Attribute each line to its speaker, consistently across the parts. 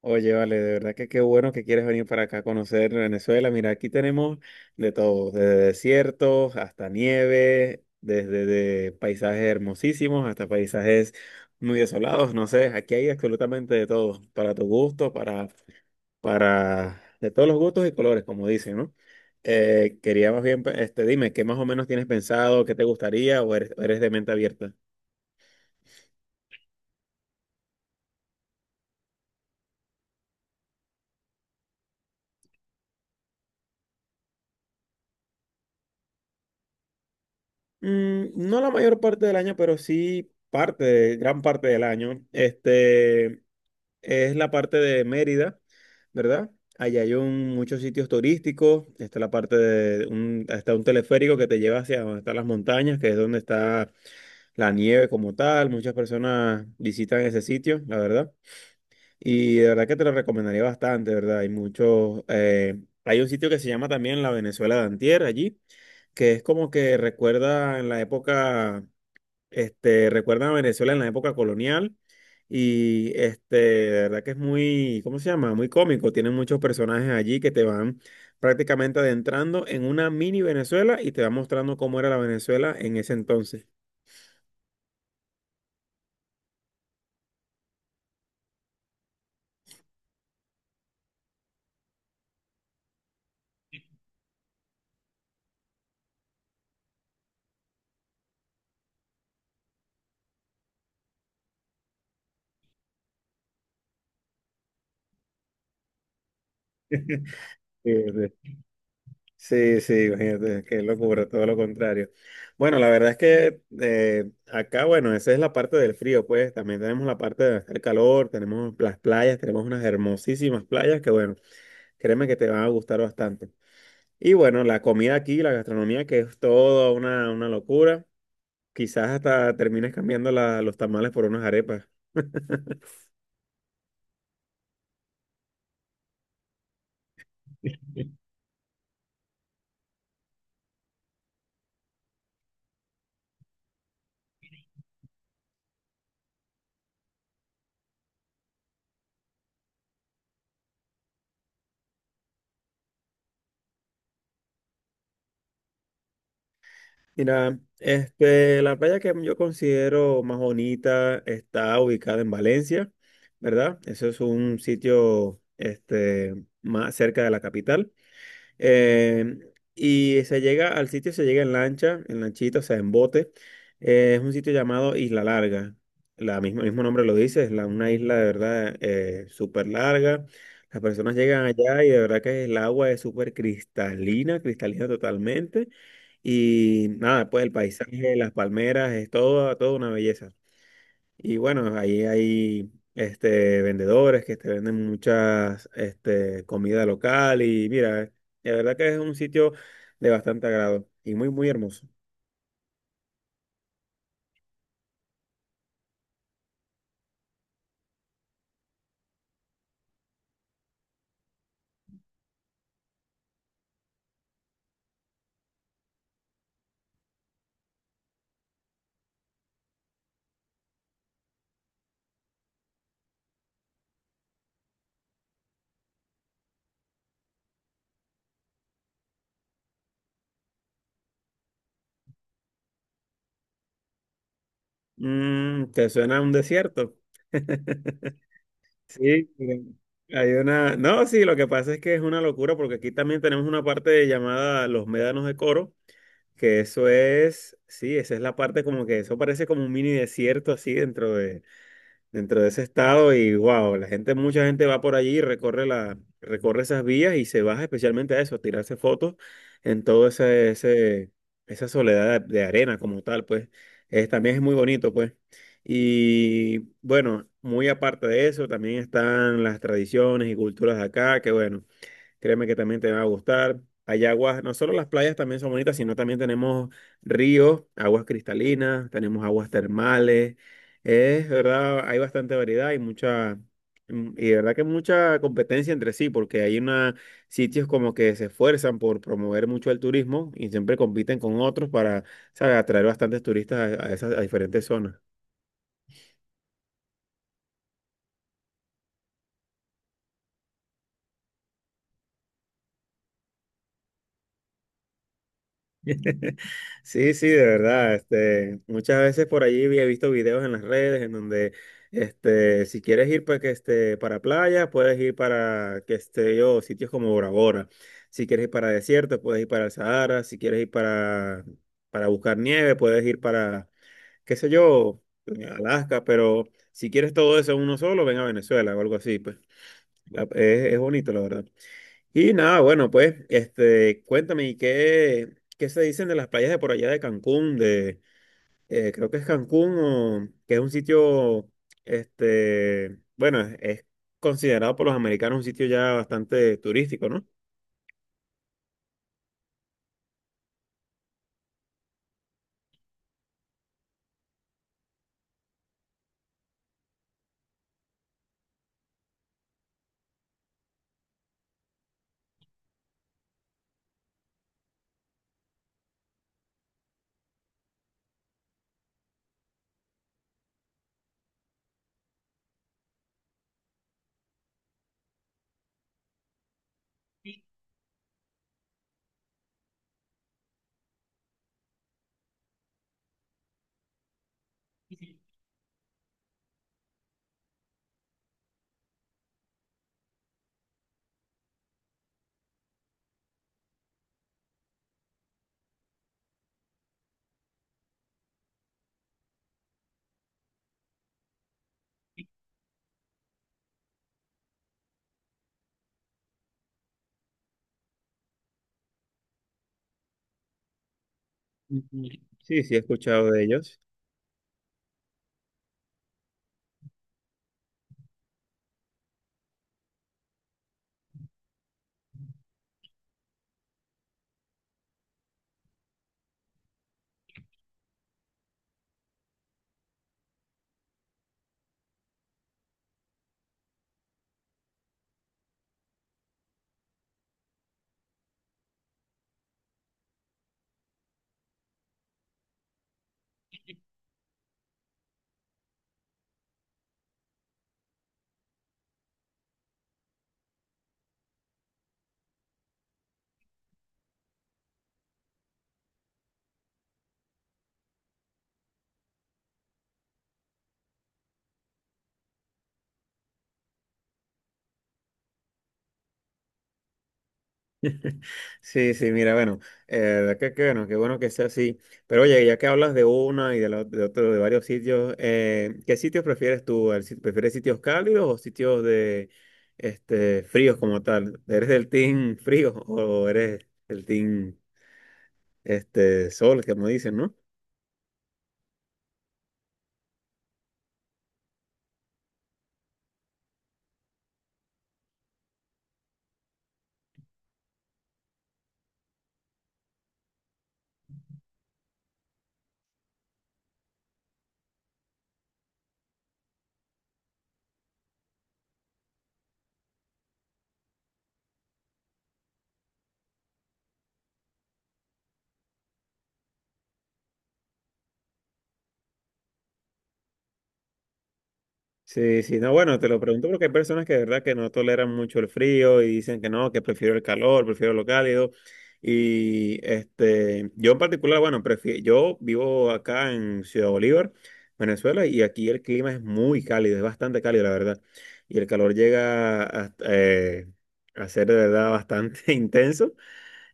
Speaker 1: Oye, vale, de verdad que qué bueno que quieres venir para acá a conocer Venezuela. Mira, aquí tenemos de todo, desde desiertos hasta nieve, desde de paisajes hermosísimos hasta paisajes muy desolados, no sé, aquí hay absolutamente de todo, para tu gusto, de todos los gustos y colores, como dicen, ¿no? Quería más bien, dime, ¿qué más o menos tienes pensado, qué te gustaría o eres de mente abierta? Mm, no la mayor parte del año, pero sí parte, gran parte del año. Este es la parte de Mérida, ¿verdad? Allá hay muchos sitios turísticos. Está la parte de un, está un teleférico que te lleva hacia donde están las montañas, que es donde está la nieve como tal. Muchas personas visitan ese sitio, la verdad. Y de verdad que te lo recomendaría bastante, ¿verdad? Hay muchos, hay un sitio que se llama también la Venezuela de Antier allí, que es como que recuerda en la época, recuerda a Venezuela en la época colonial y este, de verdad que es muy, ¿cómo se llama? Muy cómico. Tienen muchos personajes allí que te van prácticamente adentrando en una mini Venezuela y te va mostrando cómo era la Venezuela en ese entonces. Sí, sí. Sí, sí, imagínate, qué locura, todo lo contrario. Bueno, la verdad es que acá, bueno, esa es la parte del frío, pues también tenemos la parte de hacer calor, tenemos las playas, tenemos unas hermosísimas playas que, bueno, créeme que te van a gustar bastante. Y bueno, la comida aquí, la gastronomía, que es toda una locura. Quizás hasta termines cambiando los tamales por unas arepas. Mira, la playa que yo considero más bonita está ubicada en Valencia, ¿verdad? Eso es un sitio, más cerca de la capital. Eh, y se llega al sitio, se llega en lancha, en lanchita, o sea, en bote. Es un sitio llamado Isla Larga. La misma, el mismo nombre lo dice, es una isla de verdad súper larga. Las personas llegan allá y de verdad que el agua es súper cristalina, cristalina totalmente. Y nada, pues el paisaje, las palmeras, es todo, toda una belleza. Y bueno, ahí hay vendedores que te venden muchas comida local y mira, la verdad que es un sitio de bastante agrado y muy, muy hermoso. Mm, ¿te suena un desierto? Sí, mira, hay una... No, sí, lo que pasa es que es una locura porque aquí también tenemos una parte llamada los médanos de Coro, que eso es, sí, esa es la parte como que eso parece como un mini desierto así dentro de ese estado y wow, la gente, mucha gente va por allí y recorre recorre esas vías y se baja especialmente a eso, a tirarse fotos en todo esa soledad de arena como tal, pues es, también es muy bonito, pues. Y bueno, muy aparte de eso, también están las tradiciones y culturas de acá, que bueno. Créeme que también te va a gustar. Hay aguas, no solo las playas también son bonitas, sino también tenemos ríos, aguas cristalinas, tenemos aguas termales. Es verdad, hay bastante variedad y mucha, y de verdad que mucha competencia entre sí, porque hay una, sitios como que se esfuerzan por promover mucho el turismo y siempre compiten con otros para, ¿sabes? Atraer bastantes turistas a esas a diferentes zonas. Sí, sí, de verdad. Muchas veces por allí había visto videos en las redes en donde, si quieres ir para que para playa, puedes ir para que esté yo sitios como Bora Bora. Si quieres ir para desierto, puedes ir para el Sahara. Si quieres ir para buscar nieve, puedes ir para qué sé yo, Alaska. Pero si quieres todo eso en uno solo, ven a Venezuela o algo así. Pues es bonito, la verdad. Y nada, bueno, pues, cuéntame, ¿y qué, qué se dicen de las playas de por allá de Cancún? De, creo que es Cancún, o, que es un sitio, bueno, es considerado por los americanos un sitio ya bastante turístico, ¿no? Sí, sí, he escuchado de ellos. Sí, sí, mira, bueno, de verdad que bueno, qué bueno que sea así. Pero oye, ya que hablas de una y de, de otro, de varios sitios, ¿qué sitios prefieres tú? ¿Prefieres sitios cálidos o sitios de fríos como tal? ¿Eres del team frío o eres del team sol, como dicen, ¿no? Sí, sí, no, bueno, te lo pregunto porque hay personas que de verdad que no toleran mucho el frío y dicen que no, que prefiero el calor, prefiero lo cálido. Y este, yo en particular, bueno, yo vivo acá en Ciudad Bolívar, Venezuela, y aquí el clima es muy cálido, es bastante cálido, la verdad. Y el calor llega a ser de verdad bastante intenso,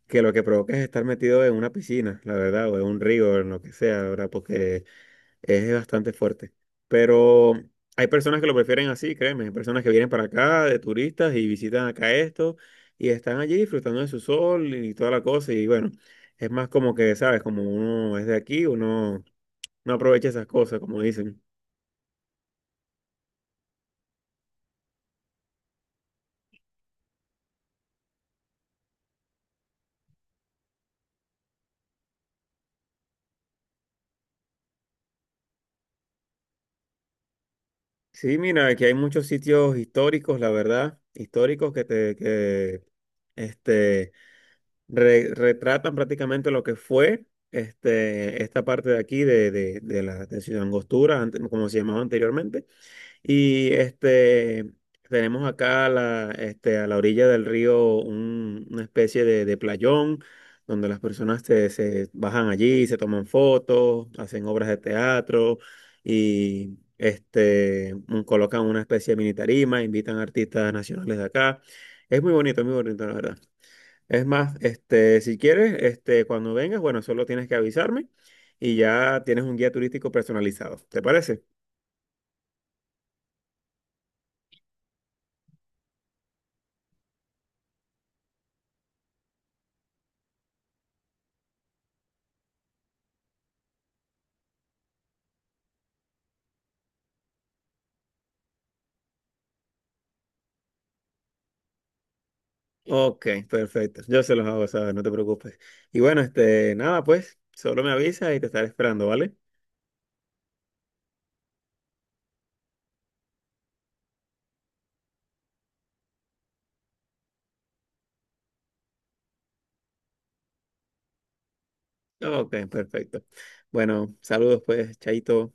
Speaker 1: que lo que provoca es estar metido en una piscina, la verdad, o en un río, en lo que sea, la ¿verdad? Porque es bastante fuerte. Pero hay personas que lo prefieren así, créeme. Hay personas que vienen para acá de turistas y visitan acá esto y están allí disfrutando de su sol y toda la cosa. Y bueno, es más como que, ¿sabes? Como uno es de aquí, uno no aprovecha esas cosas, como dicen. Sí, mira, aquí hay muchos sitios históricos, la verdad, históricos que te, que, este, retratan prácticamente lo que fue este, esta parte de aquí de, de la de Ciudad Angostura, como se llamaba anteriormente. Y este, tenemos acá a la, a la orilla del río una especie de playón donde las personas se, se bajan allí, se toman fotos, hacen obras de teatro y este, colocan una especie de mini tarima, invitan artistas nacionales de acá. Es muy bonito, la verdad. Es más, si quieres, cuando vengas, bueno, solo tienes que avisarme y ya tienes un guía turístico personalizado. ¿Te parece? Ok, perfecto. Yo se los hago saber, no te preocupes. Y bueno, nada, pues, solo me avisa y te estaré esperando, ¿vale? Ok, perfecto. Bueno, saludos, pues, Chaito.